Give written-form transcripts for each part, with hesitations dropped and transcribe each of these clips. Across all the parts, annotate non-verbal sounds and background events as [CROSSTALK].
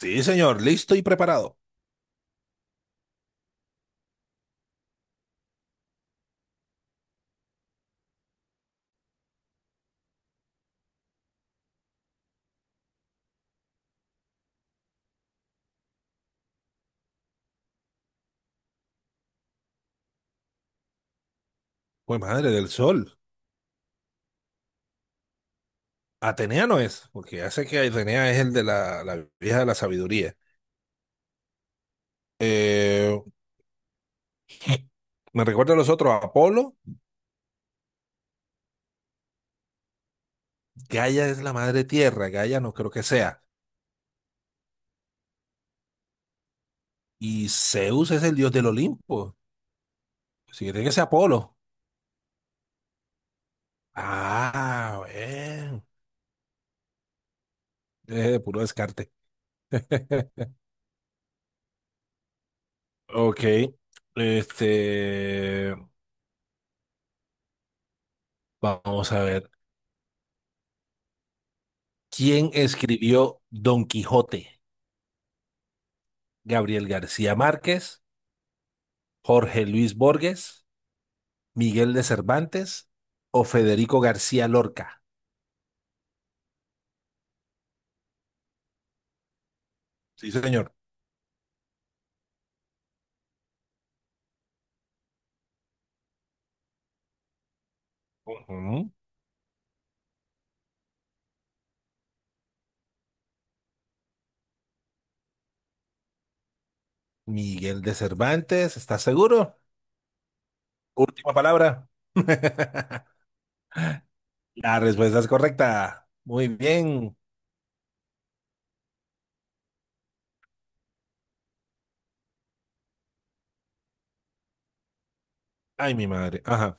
Sí, señor, listo y preparado. Pues madre del sol. Atenea no es, porque ya sé que Atenea es el de la vieja de la sabiduría. Eh, me recuerda a los otros, Apolo. Gaia es la madre tierra, Gaia no creo que sea. Y Zeus es el dios del Olimpo. Si tiene que ser Apolo. Ah, bien. Puro descarte. [LAUGHS] Ok. Este, vamos a ver. ¿Quién escribió Don Quijote? ¿Gabriel García Márquez? Jorge Luis Borges, Miguel de Cervantes o Federico García Lorca. Sí, señor. Ujú. Miguel de Cervantes, ¿estás seguro? Última palabra. [LAUGHS] La respuesta es correcta. Muy bien. Ay, mi madre. Ajá.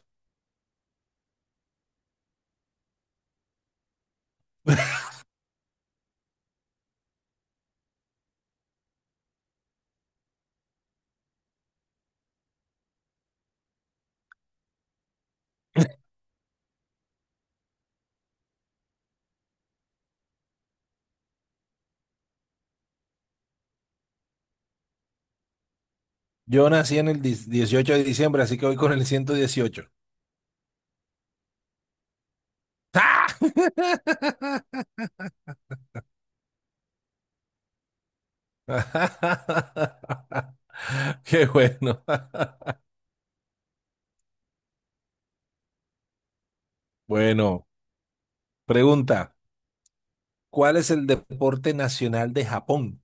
Yo nací en el 18 de diciembre, así que voy con el 118. ¡Ah! [LAUGHS] Qué bueno. [LAUGHS] Bueno, pregunta, ¿cuál es el deporte nacional de Japón?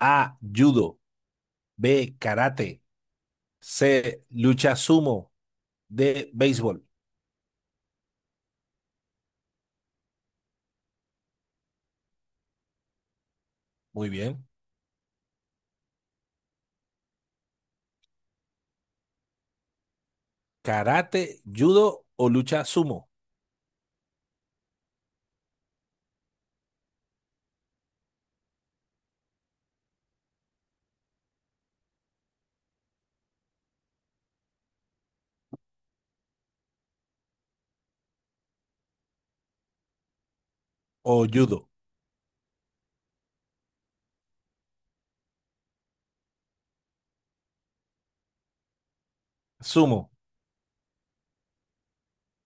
A, judo. B, karate. C, lucha sumo. D, béisbol. Muy bien. ¿Karate, judo o lucha sumo? O judo. Sumo.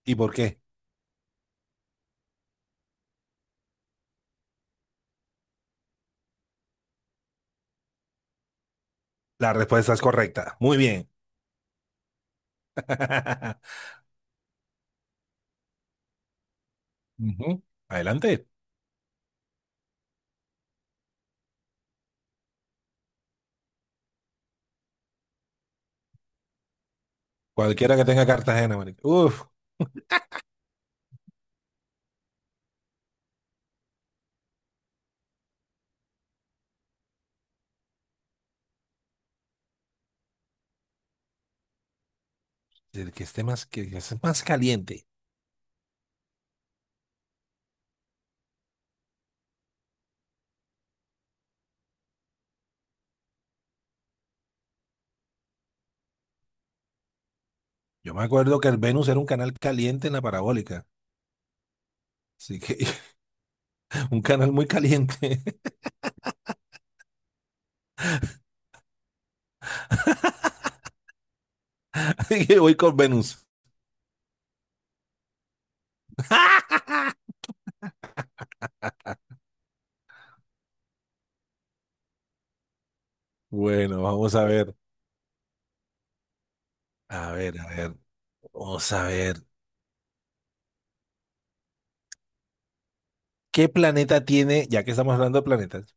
¿Y por qué? La respuesta es correcta. Muy bien. [LAUGHS] Ujú. Adelante. Cualquiera que tenga Cartagena, marica. Uf, el que esté más, que esté más caliente. Yo me acuerdo que el Venus era un canal caliente en la parabólica. Así que [LAUGHS] un canal muy caliente. [LAUGHS] Así que voy con Venus. Bueno, vamos a ver. A ver, a ver, vamos a ver. ¿Qué planeta tiene, ya que estamos hablando de planetas,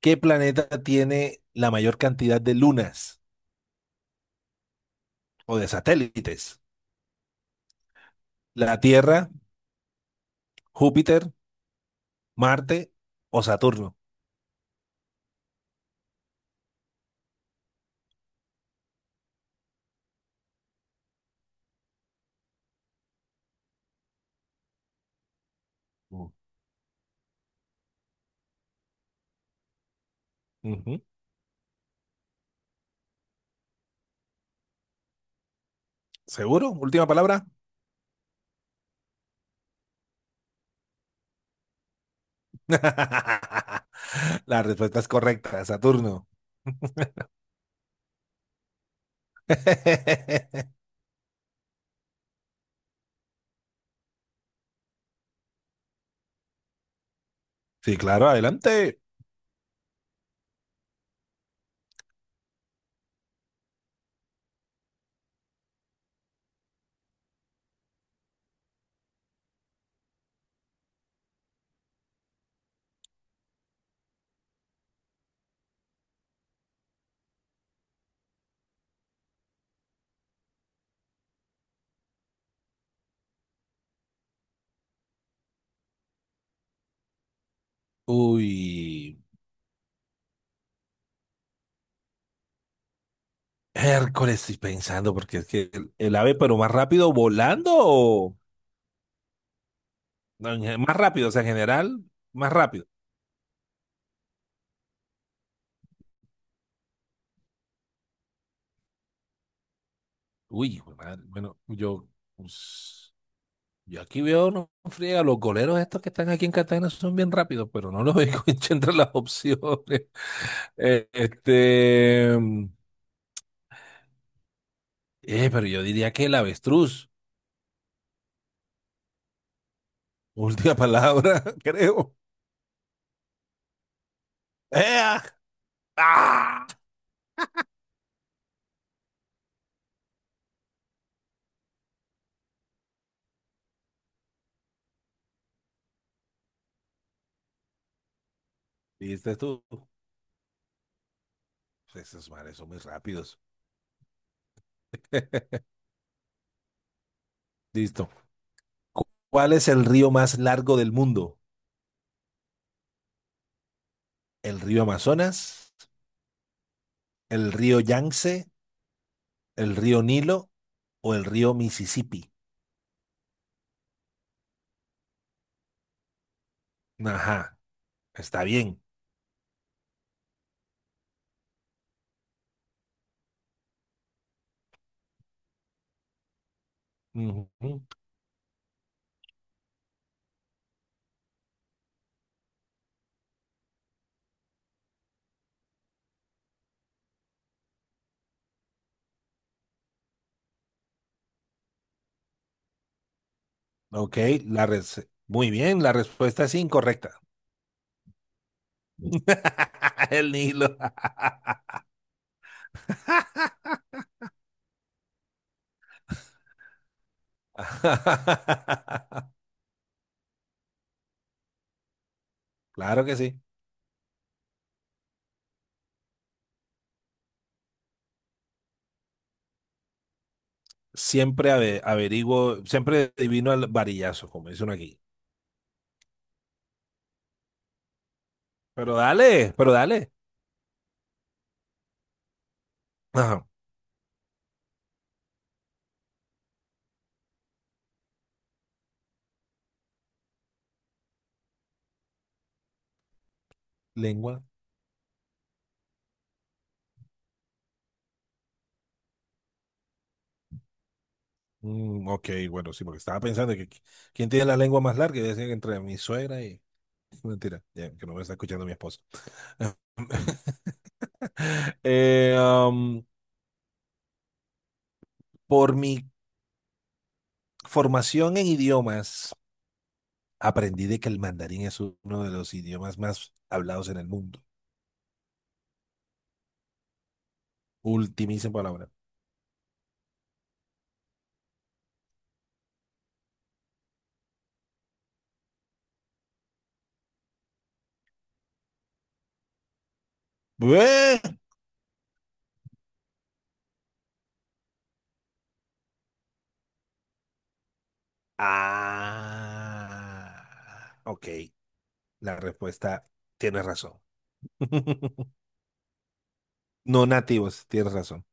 qué planeta tiene la mayor cantidad de lunas o de satélites? ¿La Tierra, Júpiter, Marte o Saturno? Mm. Ujú. ¿Seguro? Última palabra. [LAUGHS] La respuesta es correcta, Saturno. [LAUGHS] Sí, claro, adelante. Uy, Hércules, estoy pensando, porque es que el ave, pero más rápido, volando o, no, más rápido, o sea, en general, más rápido. Uy, hijo de madre. Bueno, pues, yo aquí veo, no friega, los goleros estos que están aquí en Cartagena son bien rápidos, pero no los veo [LAUGHS] entre las opciones. Eh, este, eh, pero yo diría que el avestruz. Última palabra, [LAUGHS] creo. ¡Ea! ¡Ah! ¿Viste tú? Pues esos mares son muy rápidos. Listo. ¿Cuál es el río más largo del mundo? ¿El río Amazonas? ¿El río Yangtze? ¿El río Nilo o el río Mississippi? Ajá, está bien. Ujú. Ok, la muy bien, la respuesta es incorrecta. [LAUGHS] El Nilo. [LAUGHS] Claro que sí. Siempre averiguo, siempre adivino al varillazo, como dicen aquí. Pero dale, pero dale. Ajá. Lengua. Ok, bueno, sí, porque estaba pensando que quién tiene la lengua más larga. Yo decía que entre mi suegra y... [LAUGHS] Mentira, ya, que no me está escuchando mi esposa. [LAUGHS] Eh, am, por mi formación en idiomas, aprendí de que el mandarín es uno de los idiomas más hablados en el mundo. Ultimísima palabra. Bueh. Ah, ok. La respuesta, tienes razón. [LAUGHS] No nativos, tienes razón.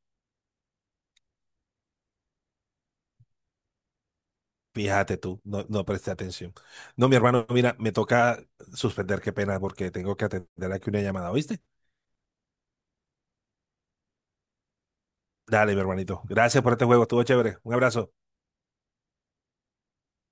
Fíjate tú, no, no presté atención. No, mi hermano, mira, me toca suspender, qué pena, porque tengo que atender aquí una llamada, ¿oíste? Dale, mi hermanito. Gracias por este juego, estuvo chévere. Un abrazo.